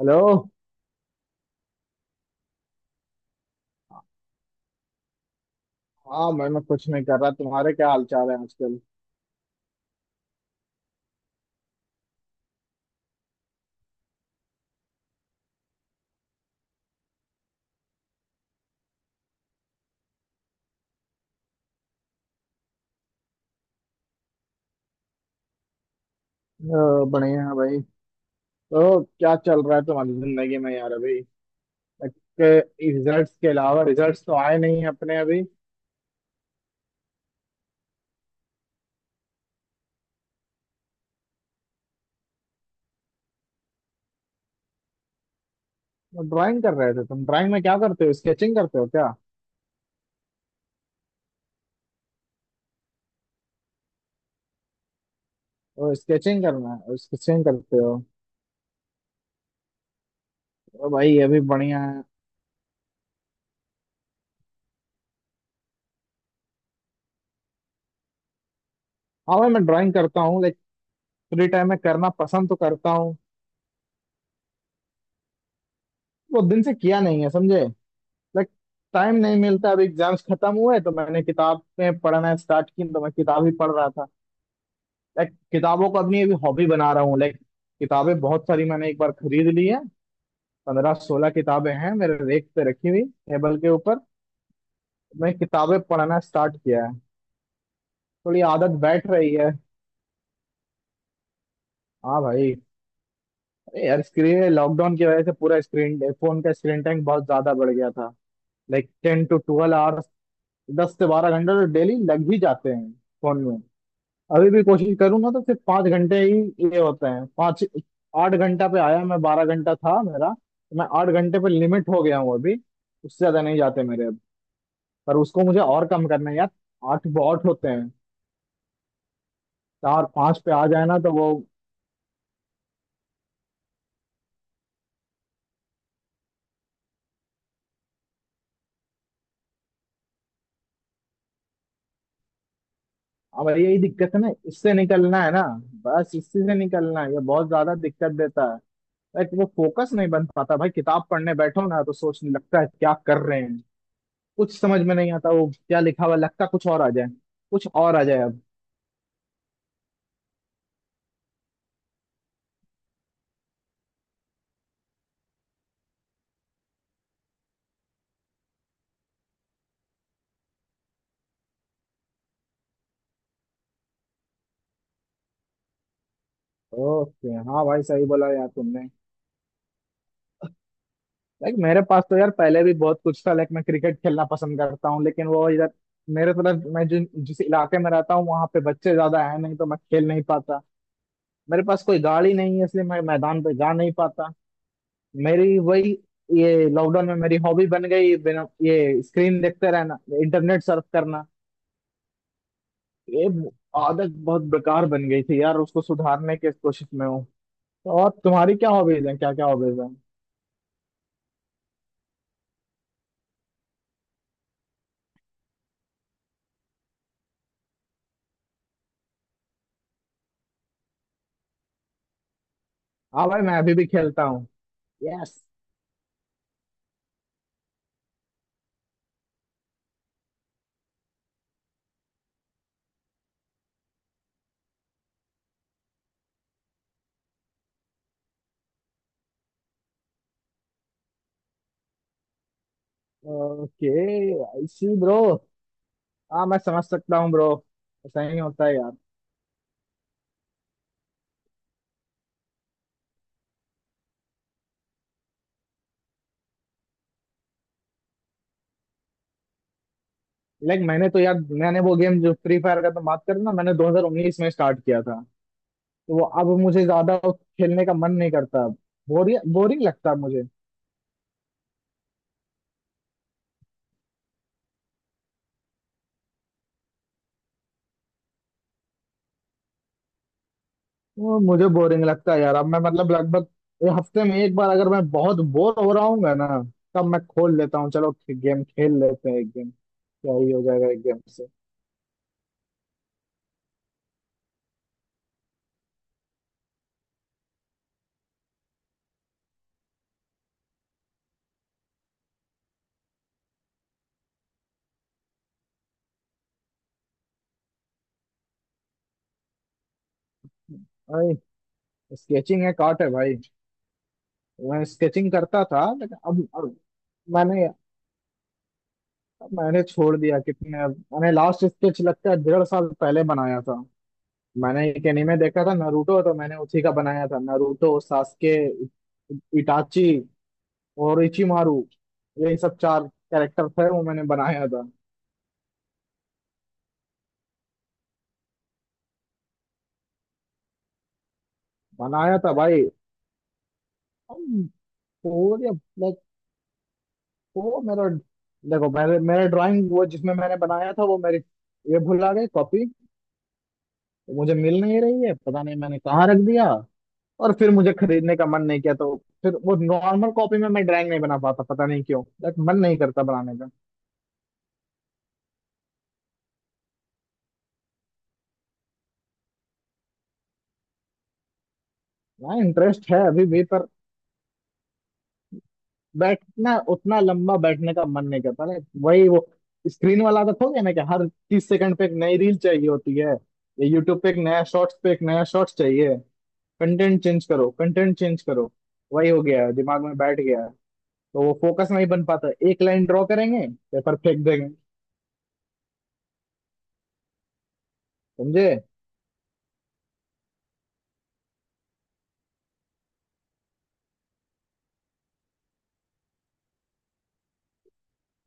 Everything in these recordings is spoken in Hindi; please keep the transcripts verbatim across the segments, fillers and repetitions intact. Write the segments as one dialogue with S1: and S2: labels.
S1: हेलो। हाँ, मैं मैं कुछ नहीं कर रहा। तुम्हारे क्या हाल चाल है आजकल? अ, बढ़िया है भाई। तो क्या चल रहा है तुम्हारी जिंदगी में यार अभी? रिजल्ट्स के अलावा, रिजल्ट्स तो आए नहीं हैं अपने अभी। तो ड्राइंग कर रहे थे तुम? ड्राइंग में क्या करते हो, स्केचिंग करते हो क्या? ओ, स्केचिंग करना है, स्केचिंग करते हो। ओ भाई, ये भी बढ़िया है। हाँ भाई, मैं ड्राइंग करता हूँ। लाइक फ्री टाइम में करना पसंद तो करता हूँ। वो दिन से किया नहीं है, समझे। लाइक टाइम नहीं मिलता। अभी एग्जाम्स खत्म हुए तो मैंने किताबें पढ़ना स्टार्ट की, तो मैं किताब ही पढ़ रहा था। लाइक किताबों को अपनी अभी हॉबी बना रहा हूँ, लाइक। किताबें बहुत सारी मैंने एक बार खरीद ली है। पंद्रह सोलह किताबें हैं मेरे रेक पे रखी हुई, टेबल के ऊपर। मैं किताबें पढ़ना स्टार्ट किया है। थोड़ी आदत बैठ रही है। हाँ भाई। अरे यार, स्क्रीन, लॉकडाउन की वजह से पूरा स्क्रीन, फोन का स्क्रीन टाइम बहुत ज्यादा बढ़ गया था। Like ten to twelve hours. दस से बारह घंटे तो डेली लग ही जाते हैं फोन। अभी भी कोशिश करूँ ना तो सिर्फ पाँच घंटे ही। ये होते हैं पाँच। आठ घंटा पे आया मैं, बारह घंटा था मेरा, तो मैं आठ घंटे पे लिमिट हो गया हूँ अभी। उससे ज्यादा नहीं जाते मेरे अब। पर उसको मुझे और कम करना है यार। आठ बहुत होते हैं। चार पाँच पे आ जाए ना तो वो। अब यही दिक्कत है ना, इससे निकलना है ना। बस इसी से निकलना है, ये बहुत ज्यादा दिक्कत देता है। लाइक वो फोकस नहीं बन पाता भाई। किताब पढ़ने बैठो ना तो सोचने लगता है क्या कर रहे हैं। कुछ समझ में नहीं आता वो क्या लिखा हुआ है, लगता कुछ और आ जाए, कुछ और आ जाए। ओके। हाँ भाई सही बोला यार तुमने। लाइक मेरे पास तो यार पहले भी बहुत कुछ था। लाइक मैं क्रिकेट खेलना पसंद करता हूँ, लेकिन वो इधर मेरे तरफ, मैं जिन जिस इलाके में रहता हूँ वहाँ पे बच्चे ज्यादा है नहीं तो मैं खेल नहीं पाता। मेरे पास कोई गाड़ी नहीं है इसलिए मैं मैदान पे जा नहीं पाता। मेरी वही, ये लॉकडाउन में मेरी हॉबी बन गई, बिना ये स्क्रीन देखते रहना, इंटरनेट सर्फ करना। ये आदत बहुत बेकार बन गई थी यार, उसको सुधारने की कोशिश में हूँ। तो और तुम्हारी क्या हॉबीज है, क्या क्या हॉबीज है? हाँ भाई, मैं अभी भी खेलता हूँ। Yes. Okay. I see bro. हाँ मैं समझ सकता हूँ ब्रो। ऐसा ही होता है यार। लाइक मैंने तो यार, मैंने वो गेम, जो फ्री फायर का तो बात करें ना, मैंने दो हज़ार उन्नीस में स्टार्ट किया था। तो वो अब मुझे ज्यादा खेलने का मन नहीं करता अब। बोरिंग, बोरिंग लगता है मुझे। वो मुझे बोरिंग लगता है यार। अब मैं मतलब लगभग ये हफ्ते में एक बार अगर मैं बहुत बोर हो रहा हूँ ना, तब मैं खोल लेता हूँ, चलो गेम खेल लेते हैं, एक गेम। क्या ही हो जाएगा एक गेम से। भाई, स्केचिंग है काट है भाई। मैं स्केचिंग करता था लेकिन अब मैंने मैंने छोड़ दिया। कितने अब, मैंने लास्ट स्केच लगता है डेढ़ साल पहले बनाया था। मैंने एक एनीमे देखा था, नारुतो, तो मैंने उसी का बनाया था। नारुतो, सास्के, इटाची और इचिमारू, यही सब चार कैरेक्टर थे, वो मैंने बनाया था। बनाया था भाई। वो, या, लाइक, वो मेरा, देखो मेरे मेरे ड्राइंग, वो जिसमें मैंने बनाया था वो मेरी, ये भुला गई कॉपी, मुझे मिल नहीं रही है, पता नहीं मैंने कहाँ रख दिया। और फिर मुझे खरीदने का मन नहीं किया। तो फिर वो नॉर्मल कॉपी में मैं ड्राइंग नहीं बना पाता, पता नहीं क्यों। लाइक मन नहीं करता बनाने का। हाँ, इंटरेस्ट है अभी भी पर बैठना, उतना लंबा बैठने का मन नहीं करता। लाइक वही वो स्क्रीन वाला आदत हो गया ना कि हर तीस सेकंड पे एक नई रील चाहिए होती है, या यूट्यूब पे एक नया शॉर्ट्स पे एक नया शॉर्ट्स चाहिए। कंटेंट चेंज करो, कंटेंट चेंज करो। वही हो गया है, दिमाग में बैठ गया है। तो वो फोकस नहीं बन पाता, एक लाइन ड्रॉ करेंगे, पेपर फेंक देंगे। समझे।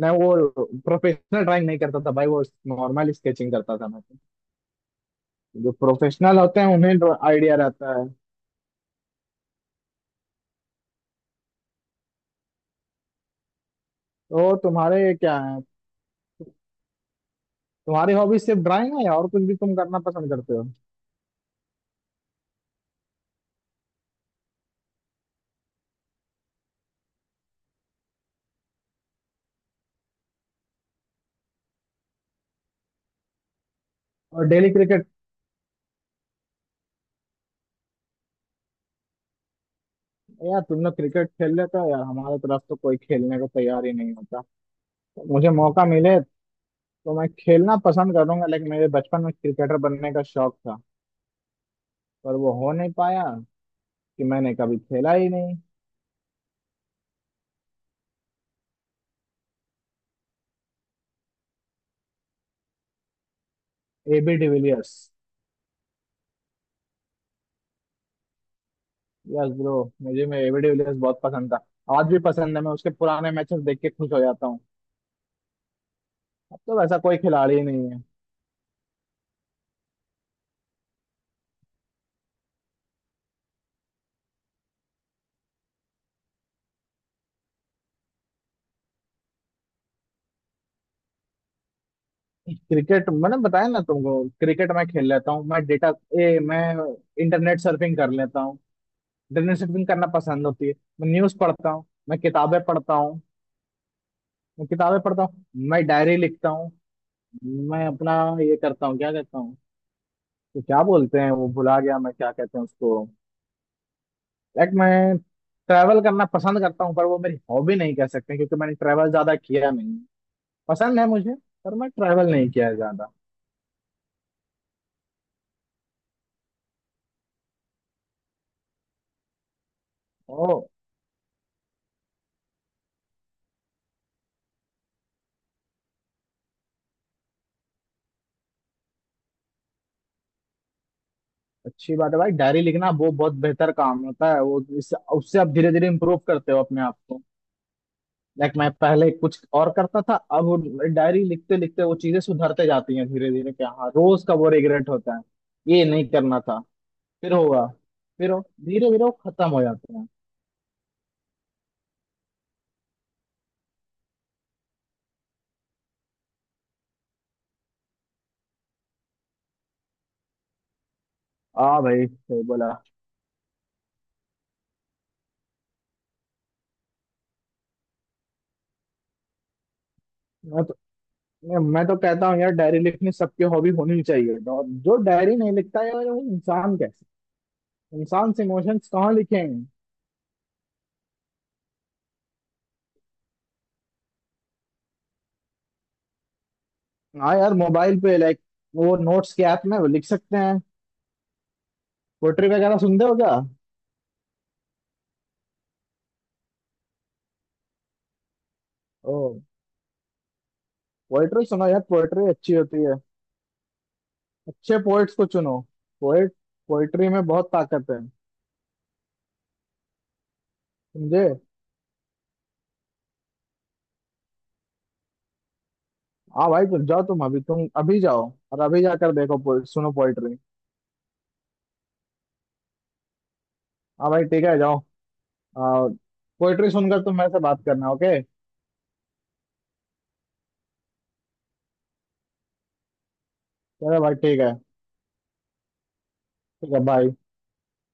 S1: मैं वो प्रोफेशनल ड्राइंग नहीं करता था भाई, वो नॉर्मल स्केचिंग करता था मैं। जो प्रोफेशनल होते हैं उन्हें आइडिया रहता है। तो तुम्हारे क्या है, तुम्हारी हॉबी सिर्फ ड्राइंग है या और कुछ भी तुम करना पसंद करते हो? और डेली क्रिकेट। यार तुम लोग क्रिकेट खेल लेते हो यार, हमारे तरफ तो कोई खेलने को तैयार ही नहीं होता। तो मुझे मौका मिले तो मैं खेलना पसंद करूंगा। लेकिन मेरे बचपन में क्रिकेटर बनने का शौक था, पर वो हो नहीं पाया, कि मैंने कभी खेला ही नहीं। AB de Villiers. Yes bro. मुझे, मैं एबी डिविलियर्स बहुत पसंद था। आज भी पसंद है। मैं उसके पुराने मैचेस देख के खुश हो जाता हूँ। अब तो वैसा कोई खिलाड़ी ही नहीं है। क्रिकेट, मैंने बताया ना तुमको, क्रिकेट मैं खेल लेता हूँ। मैं डेटा ए, मैं इंटरनेट सर्फिंग कर लेता हूँ। इंटरनेट सर्फिंग करना पसंद होती है। मैं न्यूज पढ़ता हूँ, मैं किताबें पढ़ता हूँ, मैं किताबें पढ़ता हूँ, मैं डायरी लिखता हूँ। मैं अपना ये करता हूँ, क्या कहता हूँ, तो क्या बोलते हैं वो, भुला गया मैं, क्या कहते हैं उसको। लाइक मैं ट्रैवल करना पसंद करता हूँ पर वो मेरी हॉबी नहीं कह सकते क्योंकि मैंने ट्रैवल ज्यादा किया नहीं। पसंद है मुझे, पर मैं ट्रैवल नहीं किया है ज्यादा। ओ। अच्छी बात है भाई, डायरी लिखना वो बहुत बेहतर काम होता है। वो इस, उससे आप धीरे धीरे इम्प्रूव करते हो अपने आप को। लाइक मैं पहले कुछ और करता था, अब वो, डायरी लिखते लिखते वो चीजें सुधरते जाती हैं धीरे धीरे। क्या, हाँ, रोज का वो रिग्रेट होता है, ये नहीं करना था, फिर होगा, फिर हो, धीरे धीरे वो खत्म हो जाते हैं। हाँ भाई, सही बोला। मैं तो मैं तो कहता हूँ यार डायरी लिखनी सबकी हॉबी होनी चाहिए, और जो डायरी नहीं लिखता है यार वो इंसान कैसे इंसान, से इमोशंस कहाँ लिखेंगे। हाँ यार मोबाइल पे, लाइक, वो नोट्स के ऐप में वो लिख सकते हैं। पोएट्री वगैरह सुनते हो क्या? ओ। पोएट्री सुनो यार, पोएट्री अच्छी होती है। अच्छे पोएट्स को चुनो। पोएट, पोएट्री में बहुत ताकत है। समझे। हाँ भाई, तुम जाओ, तुम अभी तुम अभी जाओ। और अभी जाकर देखो पोए, सुनो पोएट्री। हाँ भाई, ठीक है, जाओ। पोएट्री सुनकर तुम मेरे से बात करना। ओके। चलो भाई, ठीक है। ठीक है, बाय।